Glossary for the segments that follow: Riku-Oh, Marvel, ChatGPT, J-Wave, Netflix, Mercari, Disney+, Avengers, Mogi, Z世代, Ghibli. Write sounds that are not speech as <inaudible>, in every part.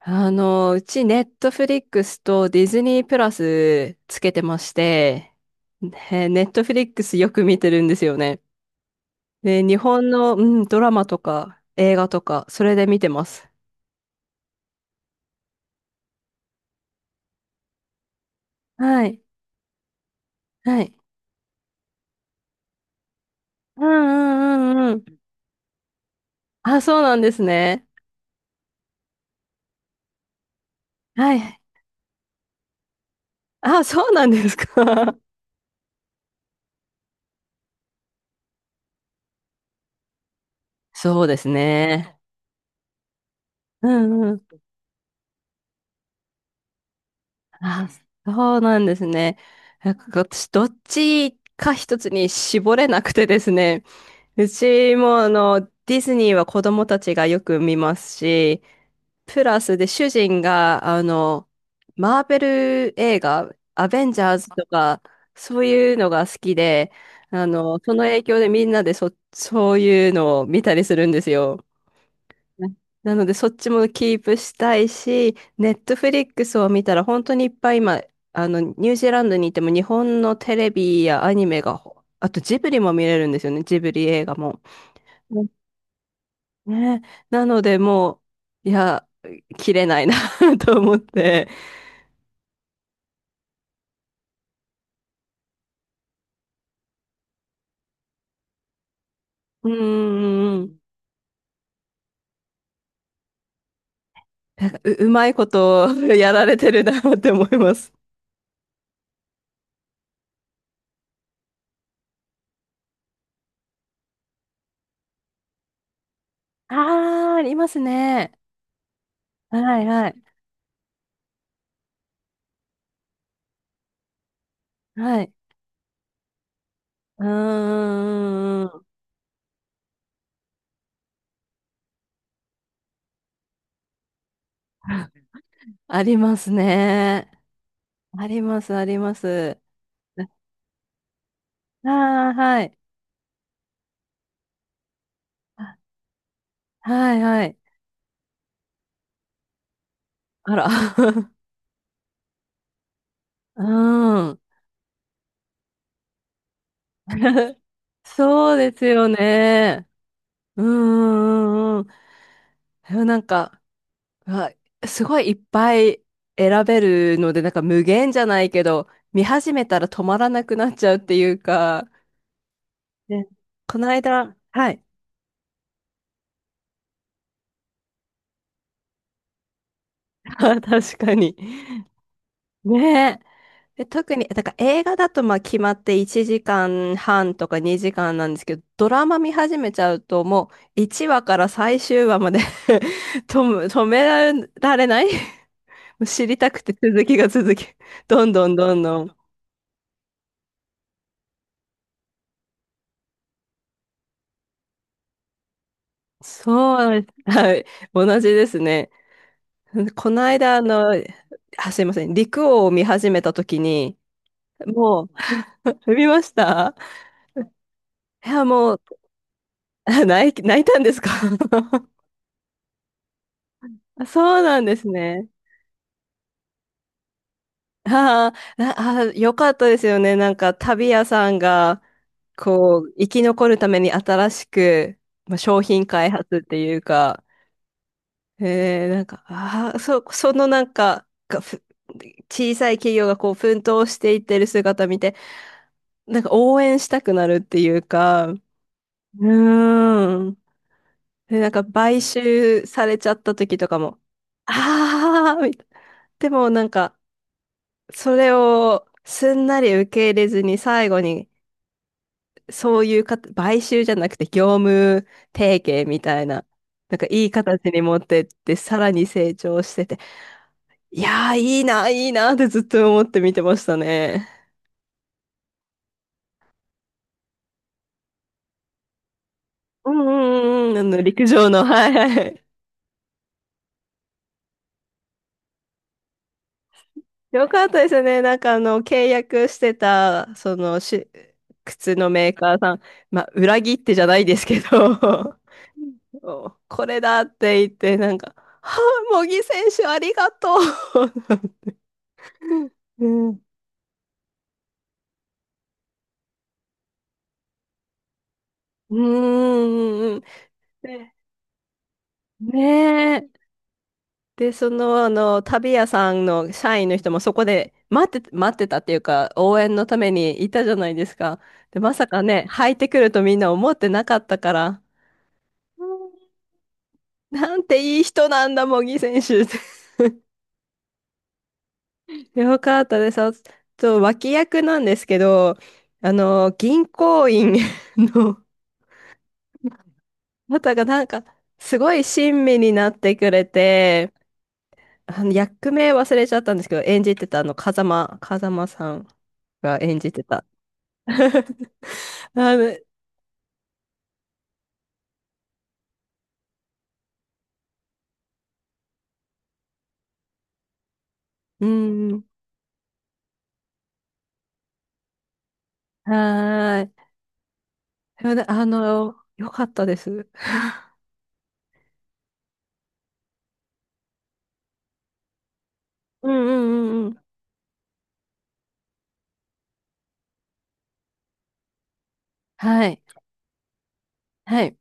うちネットフリックスとディズニープラスつけてまして、ねネットフリックスよく見てるんですよね。で、日本の、ドラマとか映画とか、それで見てます。はい。はい。うんうんうんうん。あ、そうなんですね。はい。あ、そうなんですか。<laughs> そうですね。うんうん。あ、そうなんですね。なんか私、どっちか一つに絞れなくてですね。うちもディズニーは子供たちがよく見ますし、プラスで主人がマーベル映画、アベンジャーズとか、そういうのが好きで、その影響でみんなでそういうのを見たりするんですよ。ねなのでそっちもキープしたいし、ネットフリックスを見たら本当にいっぱい今、あの、ニュージーランドにいても日本のテレビやアニメが、あとジブリも見れるんですよね、ジブリ映画も。ね、なのでもう、いや、切れないな <laughs> と思って、うーん、なんかうまいことやられてるなって思います。ああ、ありますね。はいはい。はい。うーん。ありますね。あります、あります。ああ、はい。あはいはい。あら。<laughs> うん。<laughs> そうですよね。うんうんうんうん。なんか、わ、すごいいっぱい選べるので、なんか無限じゃないけど、見始めたら止まらなくなっちゃうっていうか、ね、この間、はい。<laughs> あ確かに。ねえ。で、特に、だから映画だとまあ決まって1時間半とか2時間なんですけど、ドラマ見始めちゃうともう1話から最終話まで <laughs> 止められない <laughs> 知りたくて続きが続き、どんどんどんどん。そうです。はい。同じですね。この間、あの、あ、すいません。陸王を見始めたときに、もう、<laughs> 見ましたいや、もう、<laughs> 泣いたんですか <laughs> そうなんですね。ああ、なあー、よかったですよね。なんか、旅屋さんが、こう、生き残るために新しく、まあ、商品開発っていうか、えー、なんか、<laughs> そのなんか、小さい企業がこう奮闘していってる姿見て、なんか応援したくなるっていうか、うーん。で、なんか買収されちゃった時とかも、ああ、みたいなでもなんか、それをすんなり受け入れずに最後に、そういうか、買収じゃなくて業務提携みたいな、なんかいい形に持ってって、さらに成長してて、いやー、いいな、いいなってずっと思って見てましたね。うんうんうん、あの、陸上の、<laughs> はいはい。よかったですね。なんかあの、契約してた、その靴のメーカーさん、まあ、裏切ってじゃないですけど、<laughs> おこれだって言って、なんか、は茂木選手ありがとう。<laughs> うん。うん。うんうんうんねねで、その、あの、旅屋さんの社員の人もそこで待って、待ってたっていうか、応援のためにいたじゃないですか。で、まさかね、入ってくるとみんな思ってなかったから、なんていい人なんだ、茂木選手って。<laughs> よかったです。あと、脇役なんですけど、あの、銀行員の <laughs> 方がなんか、すごい親身になってくれて、あの役名忘れちゃったんですけど、演じてたあの、風間さんが演じてた。<laughs> あの、うん、はーい。でもねあの、よかったです。うんうんうんうん。はい。はい。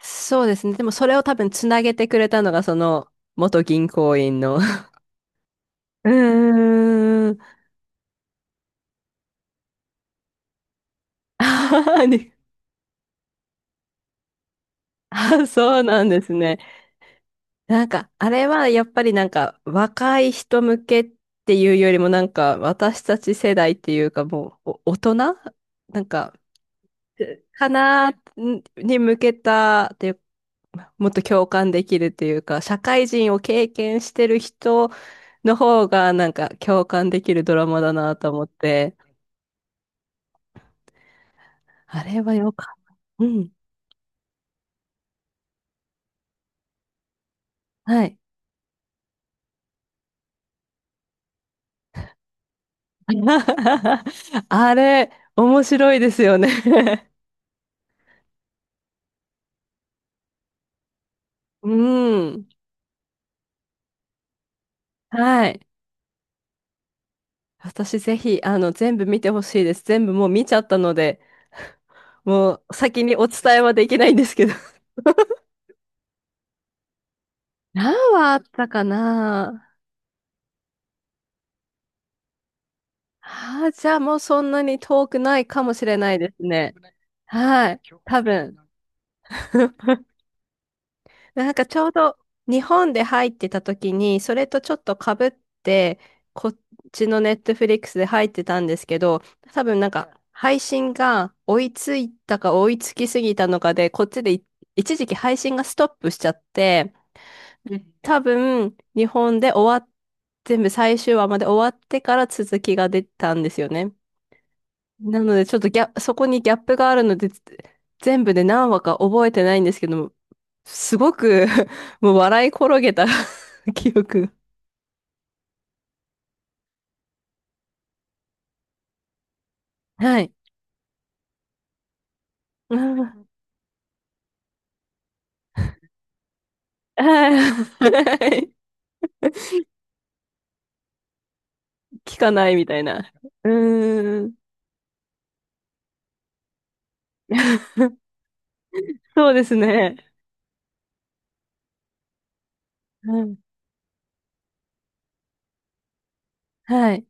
そうですね。でもそれを多分つなげてくれたのが、その、元銀行員の。<laughs> うーん。あーねあ、<laughs> そうなんですね。なんか、あれはやっぱりなんか、若い人向けっていうよりも、なんか、私たち世代っていうか、もう、お大人なんか、かなに向けたっていうもっと共感できるっていうか、社会人を経験してる人の方がなんか共感できるドラマだなと思って、あれはよかった。うん。はい。<laughs> あれ、面白いですよね <laughs> うん。はい。私ぜひ、あの、全部見てほしいです。全部もう見ちゃったので、もう先にお伝えはできないんですけど。何話あったかなああ、じゃあもうそんなに遠くないかもしれないですね。はい。多分。<laughs> なんかちょうど日本で入ってた時に、それとちょっと被って、こっちのネットフリックスで入ってたんですけど、多分なんか配信が追いついたか追いつきすぎたのかで、こっちでい一時期配信がストップしちゃって、多分日本で終わっ、全部最終話まで終わってから続きが出たんですよね。なので、ちょっとギャ、そこにギャップがあるので、全部で何話か覚えてないんですけども、すごく <laughs> もう笑い転げた <laughs> 記憶。はい。うんはい。<laughs> 聞かないみたいな。うーん。<laughs> そうですね。うんはい。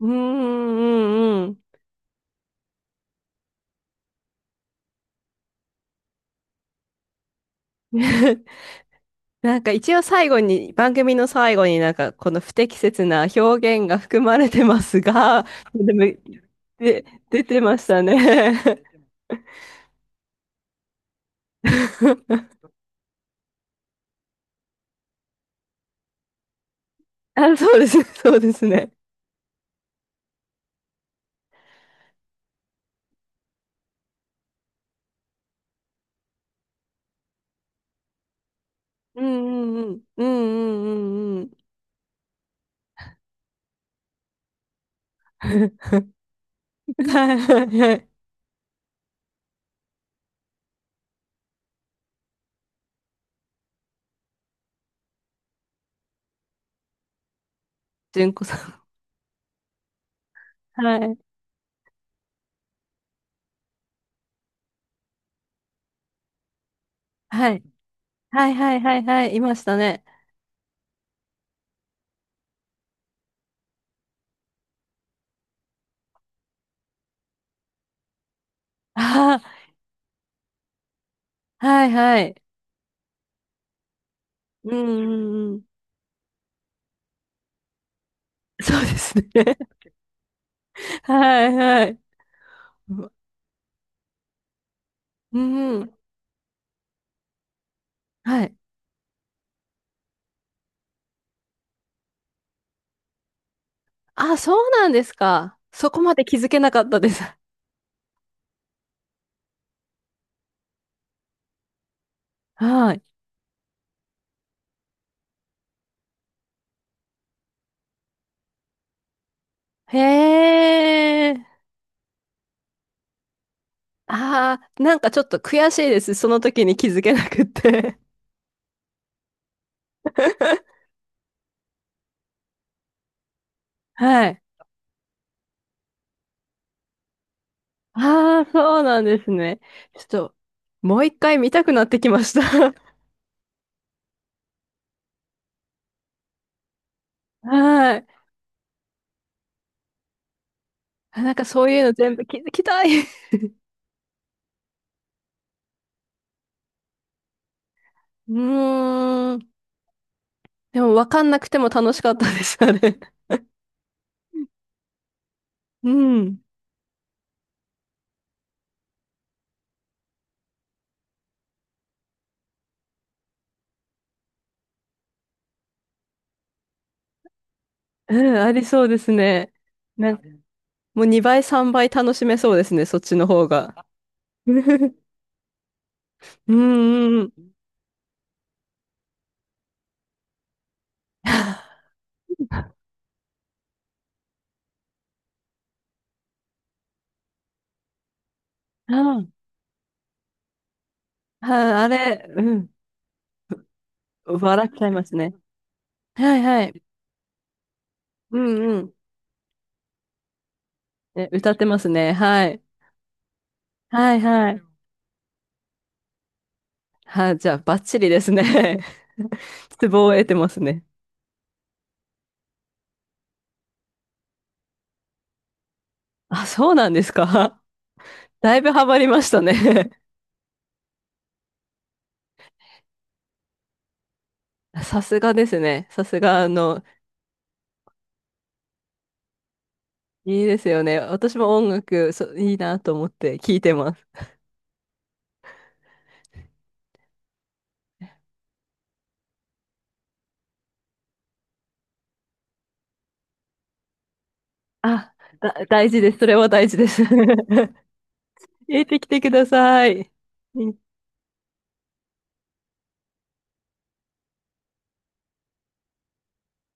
うーん、うん、うん。<laughs> なんか一応最後に、番組の最後になんかこの不適切な表現が含まれてますが、でも、出てましたね。<laughs> あ、そうですね、そうですね。うんうんうん。うんうんうんうん。<laughs> はいはいはい。純子さん。はい。はい。はいはいはいはい。いましたね。ああ、はいはい。うんうんうん。そうですね。<laughs> はいはい。うん。うんはい。あ、そうなんですか。そこまで気づけなかったです。<laughs> はい。へえ。ああ、なんかちょっと悔しいです。その時に気づけなくって。<laughs> はい。ああ、そうなんですね。ちょっと、もう一回見たくなってきました。<laughs> はい。あなんかそういうの全部気づきたい。<laughs> うーん。でも分かんなくても楽しかったです、あれ。<laughs> うん。うん、ありそうですね。なんかもう2倍、3倍楽しめそうですね、そっちの方が。うんうんうん。うん。ああれ、うん。笑っちゃいますね。はいはい。うんうん。え、歌ってますね。はい。はいはい。はい、じゃあ、バッチリですね。<laughs> ツボを得てますね。あ、そうなんですか。だいぶハマりましたね。<laughs> さすがですね。さすが、あの、いいですよね。私も音楽、そ、いいなと思って聞いてます。あ、大事です。それは大事です。<laughs> 入れてきてください。